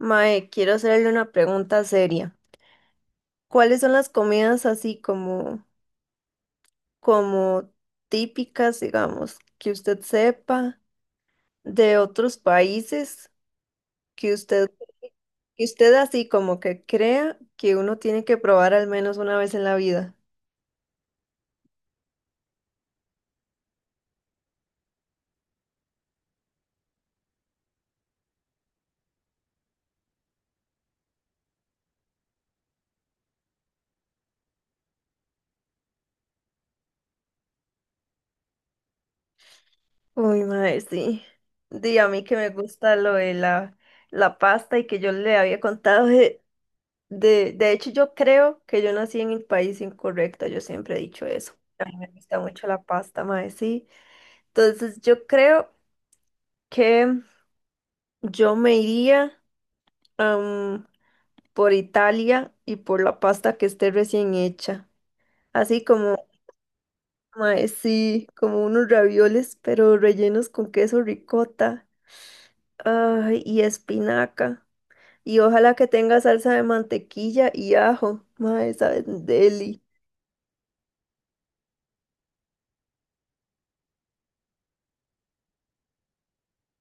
Mae, quiero hacerle una pregunta seria. ¿Cuáles son las comidas así como típicas, digamos, que usted sepa de otros países que usted así como que crea que uno tiene que probar al menos una vez en la vida? Uy, mae, sí. Di a mí que me gusta lo de la pasta y que yo le había contado de De hecho, yo creo que yo nací en el país incorrecto, yo siempre he dicho eso. Me gusta mucho la pasta, mae, sí. Entonces, yo creo que yo me iría am, por Italia y por la pasta que esté recién hecha. Así como, mae, sí, como unos ravioles, pero rellenos con queso ricota, ay, y espinaca. Y ojalá que tenga salsa de mantequilla y ajo, mae, saben, deli.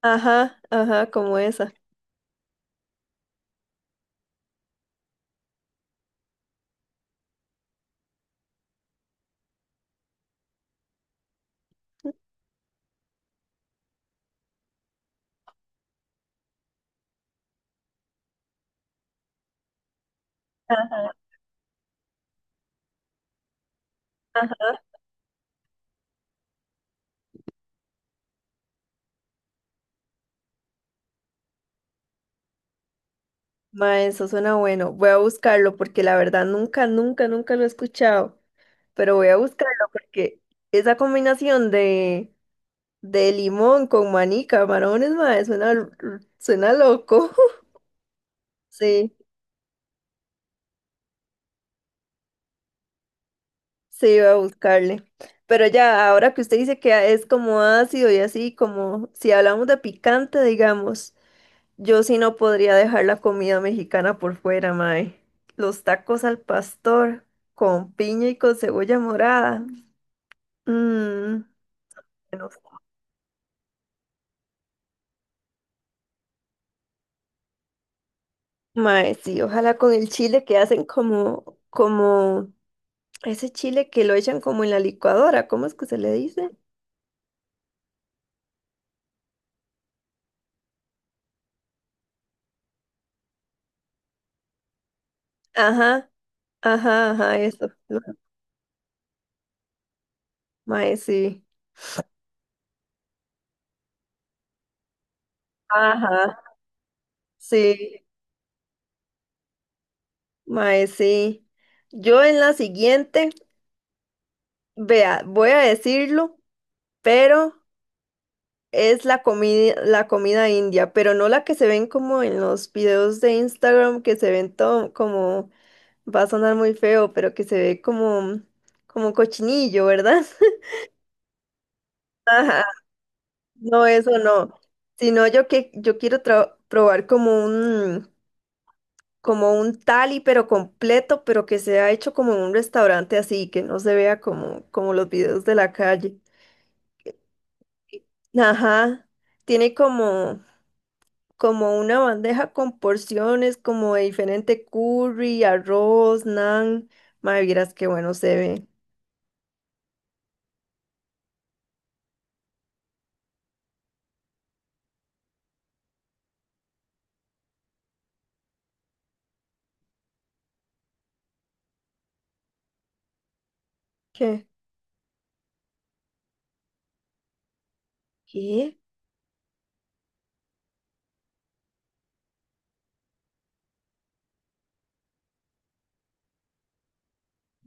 Ajá, ajá, como esa. Ma, eso suena bueno. Voy a buscarlo porque la verdad nunca, nunca, nunca lo he escuchado. Pero voy a buscarlo porque esa combinación de limón con maní, camarones, ma, suena, suena loco. Sí, sí, voy a buscarle. Pero ya, ahora que usted dice que es como ácido y así, como si hablamos de picante, digamos, yo sí no podría dejar la comida mexicana por fuera, mae. Los tacos al pastor con piña y con cebolla morada. Mm. Bueno, mae, sí, ojalá con el chile que hacen como ese chile que lo echan como en la licuadora, ¿cómo es que se le dice? Ajá, ajá, ajá, eso. Mae, sí. Ajá, sí, mae, sí. Yo en la siguiente, vea, voy a decirlo, pero es la comida india, pero no la que se ven como en los videos de Instagram que se ven todo como. Va a sonar muy feo, pero que se ve como, como cochinillo, ¿verdad? Ajá, no, eso no. Sino yo quiero probar como un tali, pero completo, pero que sea hecho como en un restaurante así, que no se vea como, como los videos de la calle. Ajá. Tiene como, como una bandeja con porciones, como de diferente curry, arroz, naan. Madre, vieras qué bueno se ve. ¿Qué? ¿Qué?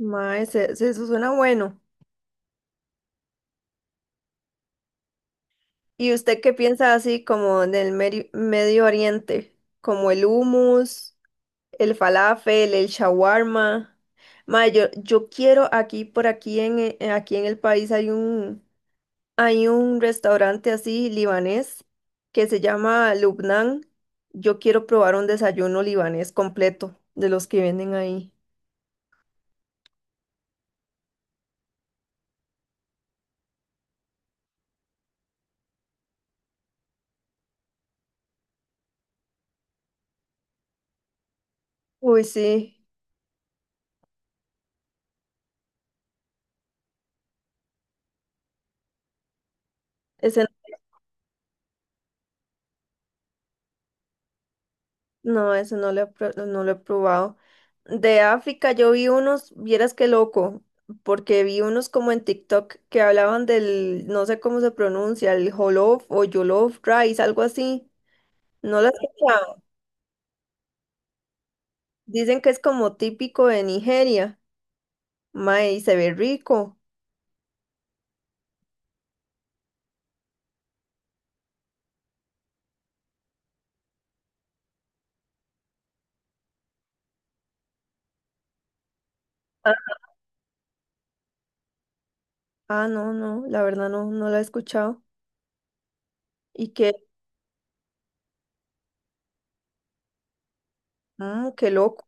Mae, eso suena bueno. ¿Y usted qué piensa así como del Medio Oriente? Como el hummus, el falafel, el shawarma. Mae, yo quiero aquí, por aquí en, aquí en el país hay un restaurante así libanés que se llama Lubnan. Yo quiero probar un desayuno libanés completo de los que venden ahí. Uy, sí, es. No, eso no lo he, no lo he probado. De África yo vi unos, vieras qué loco, porque vi unos como en TikTok que hablaban del, no sé cómo se pronuncia, el jollof o jollof rice, algo así. No lo he escuchado. Dicen que es como típico de Nigeria. Mae, y se ve rico. Ah, no, no, la verdad no, no lo he escuchado. Y que, mm, qué loco.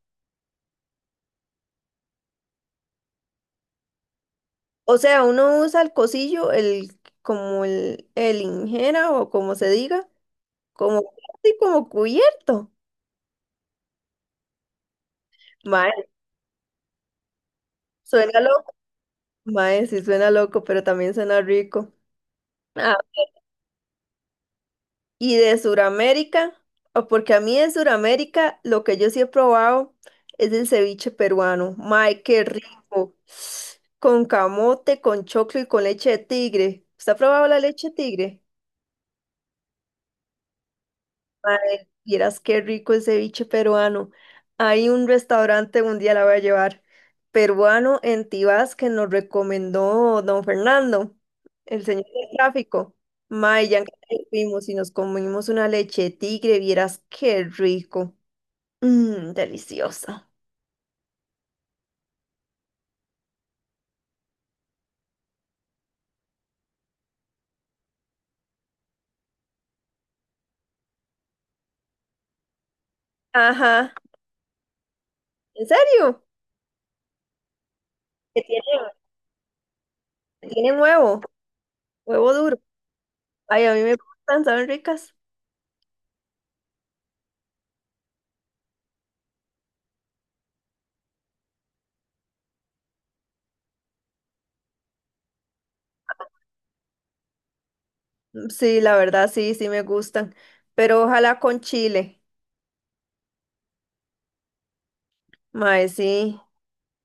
O sea, uno usa el cosillo, el, como el injera o como se diga. Como, sí, como cubierto. Mae, suena loco. Mae, sí, suena loco, pero también suena rico. Ah, y de Suramérica, o porque a mí de Suramérica lo que yo sí he probado es el ceviche peruano. Mae, qué rico. Con camote, con choclo y con leche de tigre. ¿Usted ha probado la leche de tigre? Mae, vieras qué rico el ceviche peruano. Hay un restaurante, un día la voy a llevar, peruano en Tibás que nos recomendó don Fernando, el señor del tráfico. Mae, ya que fuimos y nos comimos una leche de tigre, vieras qué rico. Mmm, deliciosa. Ajá, ¿en serio? Que tienen, tienen huevo, huevo duro. Ay, a mí me gustan, ¿saben ricas? Sí, la verdad, sí, sí me gustan, pero ojalá con chile. Mae, sí.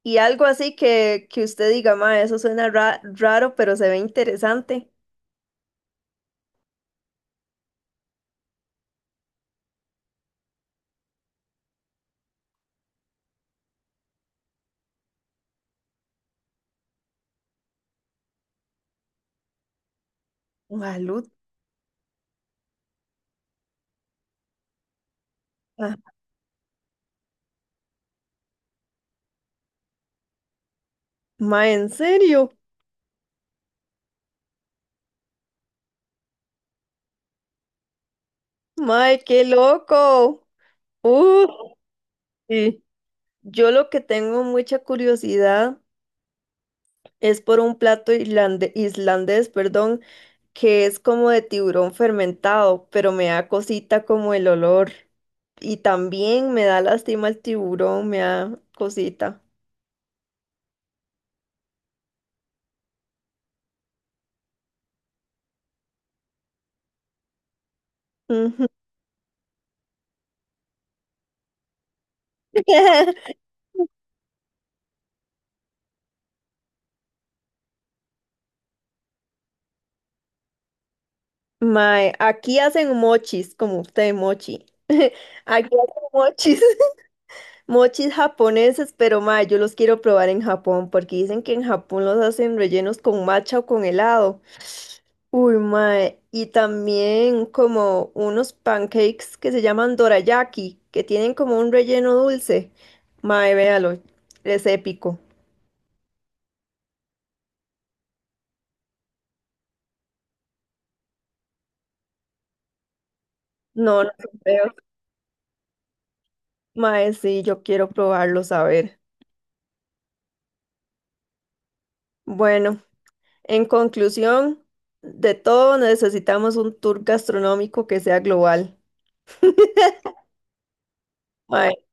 Y algo así que usted diga, ma, eso suena raro, pero se ve interesante. Gualuta. Ma, ¿en serio? Ma, qué loco. Uh, sí. Yo lo que tengo mucha curiosidad es por un plato islandés, perdón, que es como de tiburón fermentado, pero me da cosita como el olor. Y también me da lástima el tiburón, me da cosita. Ujú. Mae, aquí hacen mochis, como usted, mochi. Aquí hacen mochis, mochis japoneses, pero mae, yo los quiero probar en Japón porque dicen que en Japón los hacen rellenos con matcha o con helado. Uy, mae, y también como unos pancakes que se llaman dorayaki, que tienen como un relleno dulce. Mae, véalo, es épico. No, no son feos. Mae, sí, yo quiero probarlos, a ver. Bueno. En conclusión, de todo necesitamos un tour gastronómico que sea global. Mae,